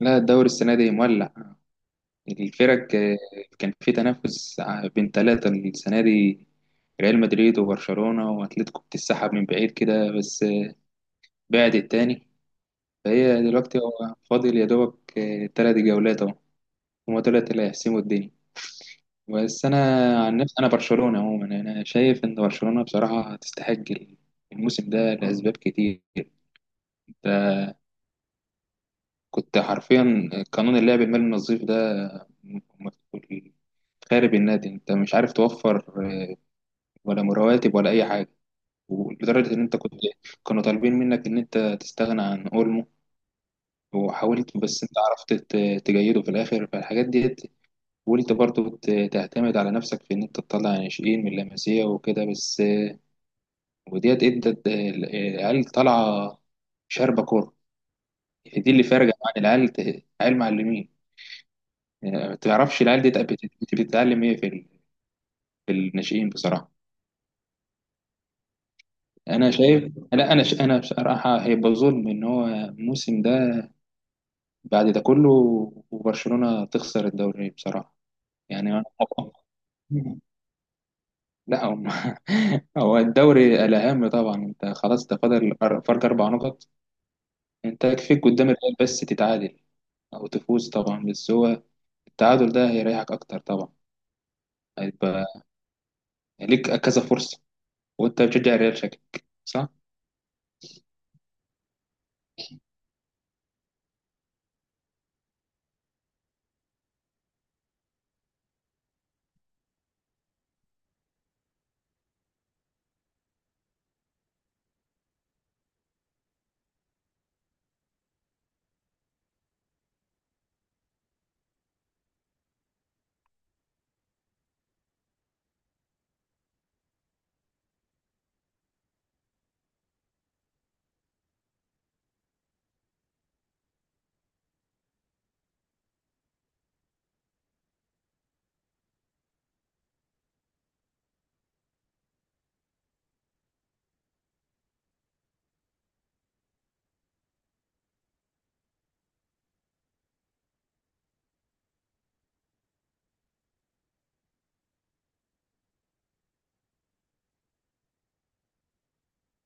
لا، الدوري السنة دي مولع. الفرق كان في تنافس بين ثلاثة السنة دي. ريال مدريد وبرشلونة وأتلتيكو بتسحب من بعيد كده، بس بعد التاني. فهي دلوقتي هو فاضل يا دوبك تلات جولات أهو. هما دولت اللي هيحسموا الدنيا. بس أنا عن نفسي، أنا برشلونة عموما. أنا شايف إن برشلونة بصراحة تستحق الموسم ده لأسباب كتير. كنت حرفيا قانون اللعب المالي النظيف ده مكتوب- خارب النادي، انت مش عارف توفر ولا رواتب ولا اي حاجه. ولدرجه ان انت كنت، كانوا طالبين منك ان انت تستغنى عن اولمو، وحاولت بس انت عرفت تجيده في الاخر. فالحاجات ديت، وانت برضو تعتمد على نفسك في ان انت تطلع ناشئين من لاماسيا وكده بس. وديت ادت العيال طالعه شاربه كوره. دي اللي فارقه عن العيال. العيال معلمين ما تعرفش العيال دي بتتعلم ايه في في الناشئين بصراحه. انا شايف، لا انا انا بصراحه هيبقى ظلم ان هو الموسم ده، بعد ده كله، وبرشلونه تخسر الدوري بصراحه. يعني أنا- لا هم. هو الدوري الاهم طبعا. انت خلاص ده فاضل فرق اربع نقط. انت يكفيك قدام الريال بس تتعادل او تفوز طبعا. بس هو التعادل ده هيريحك اكتر طبعا. هيبقى ليك كذا فرصه. وانت بتشجع الريال، شكلك صح.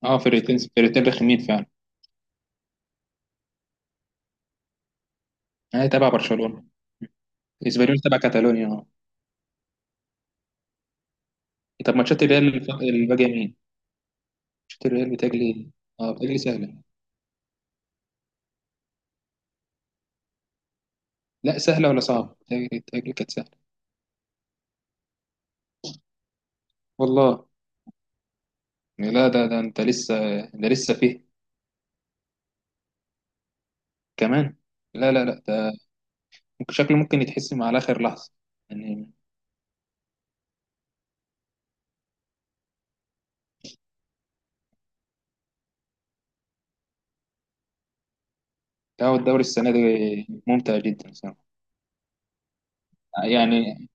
اه، فرقتين فرقتين رخمين فعلا. هي تبع برشلونة. اسبانيول تبع كاتالونيا، اه. طب ماتشات الريال الباقية مين؟ ماتشات الريال بتجلي. اه، بتجلي سهلة. لا سهلة ولا صعبة؟ بتجلي بتجلي كانت سهلة. والله. لا ده ده انت لسه، ده لسه فيه كمان. لا ده ممكن شكله ممكن يتحسم على آخر لحظة يعني. لا هو الدوري السنة دي ممتع جدا صراحة يعني.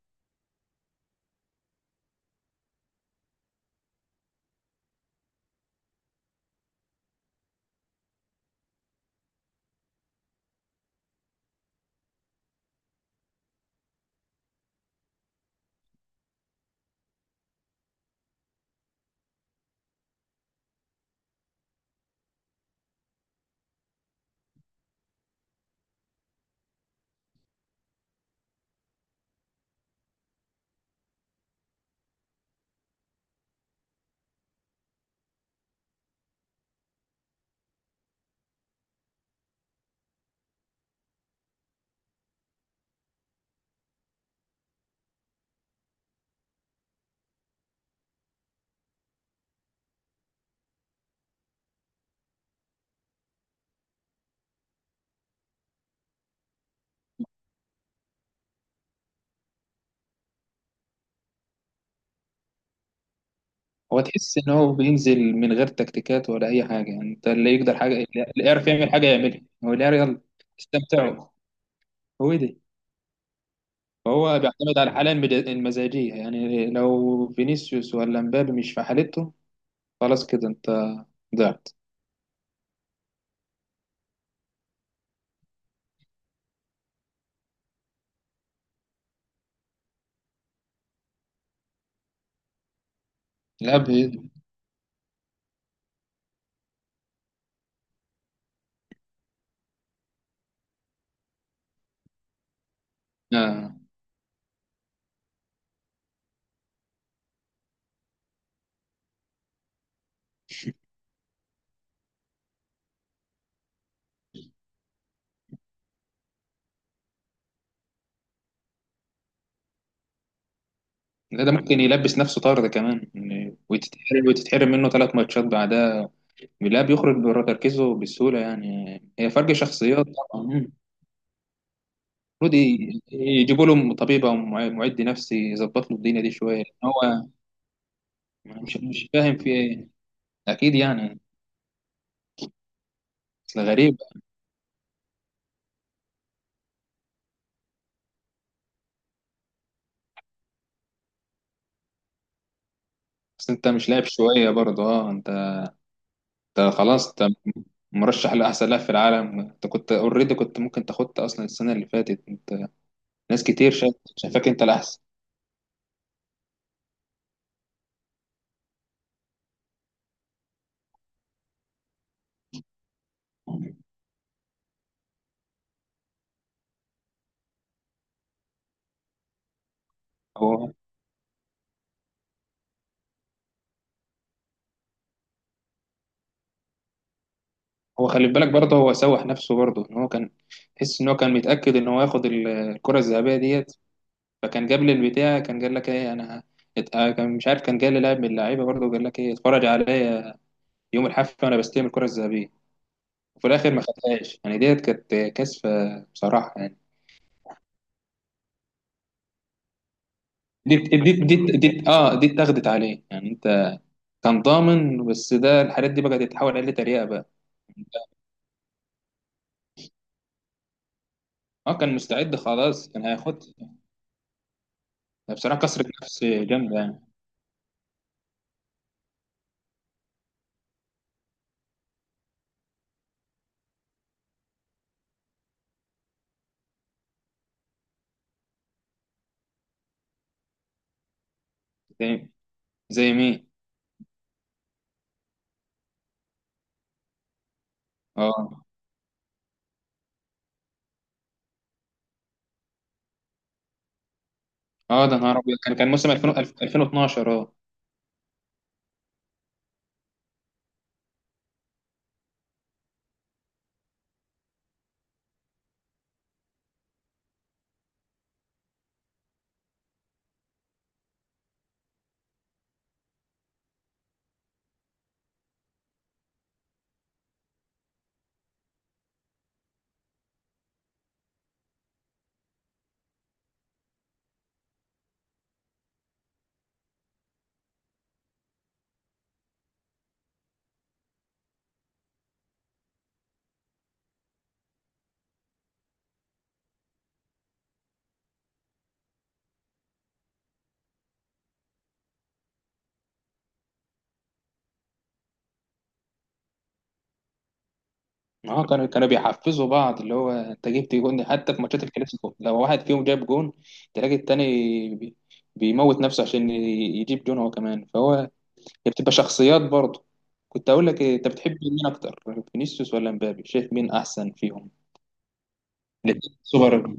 هو تحس ان هو بينزل من غير تكتيكات ولا اي حاجه. يعني انت اللي يقدر حاجه، اللي يعرف يعمل حاجه يعملها. هو اللي يعرف يلا استمتعوا. هو دي. فهو بيعتمد على الحاله المزاجيه. يعني لو فينيسيوس ولا مبابي مش في حالته، خلاص كده انت ضعت. الاب إيه؟ آه. لا ده ممكن يلبس نفسه طرد كمان يعني، وتتحرم، وتتحرم منه ثلاث ماتشات بعدها. لا بيخرج بره تركيزه بسهوله يعني. هي فرق شخصيات. طبعا. المفروض يجيبوا له طبيب او معد نفسي يظبط له الدنيا دي شويه، لان هو مش فاهم في ايه. اكيد يعني. اصل غريب. بس انت مش لاعب شويه برضه؟ اه، انت، انت خلاص، انت مرشح لاحسن لاعب في العالم. انت كنت اوريدي كنت ممكن تاخدت اصلا السنه اللي فاتت. انت ناس كتير شايفاك انت الاحسن. هو، هو خلي بالك برضه، هو سوح نفسه برضه. ان هو كان، تحس ان هو كان متاكد ان هو ياخد الكره الذهبيه ديت. فكان جاب لي البتاع، كان قال لك ايه، انا، كان مش عارف، كان جاي لي لاعب من اللعيبه برضه وقال لك ايه، اتفرج عليا يوم الحفله وانا بستلم الكره الذهبيه. وفي الاخر ما خدهاش يعني. ديت كانت كسفه بصراحه يعني. دي دي دي, دي اه، دي اتاخدت عليه يعني. انت كان ضامن، بس ده الحاجات دي بقت تتحول عليه تريقه بقى. اه، كان مستعد خلاص، كان هياخد. بصراحه كسرة نفس جامده يعني. زي، زي مين؟ اه. اه، ده نهار ابيض، كان كان موسم 2000، 2012. اه، اه، كانوا كانوا بيحفزوا بعض. اللي هو انت جبت جون حتى في ماتشات الكلاسيكو، لو واحد فيهم جاب جون تلاقي التاني بي- بيموت نفسه عشان يجيب جون هو كمان. فهو، هي بتبقى شخصيات برضه. كنت اقول لك إيه، انت بتحب مين اكتر، فينيسيوس ولا مبابي؟ شايف مين احسن فيهم؟ الاتنين سوبر.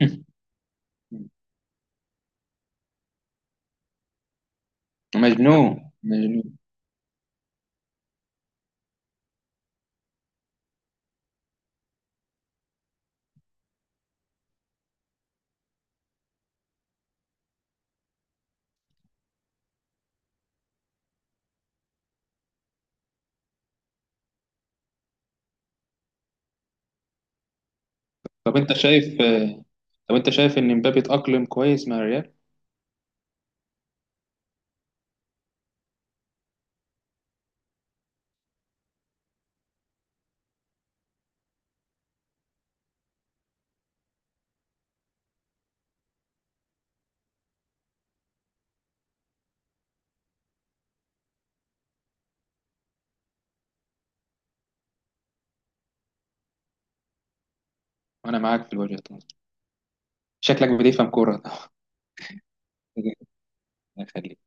مجنون مجنون. طب انت شايف، طب انت شايف ان مبابي اتأقلم كويس مع الريال؟ وانا معاك في الوجهة دي. شكلك بتفهم كورة. الله يخليك.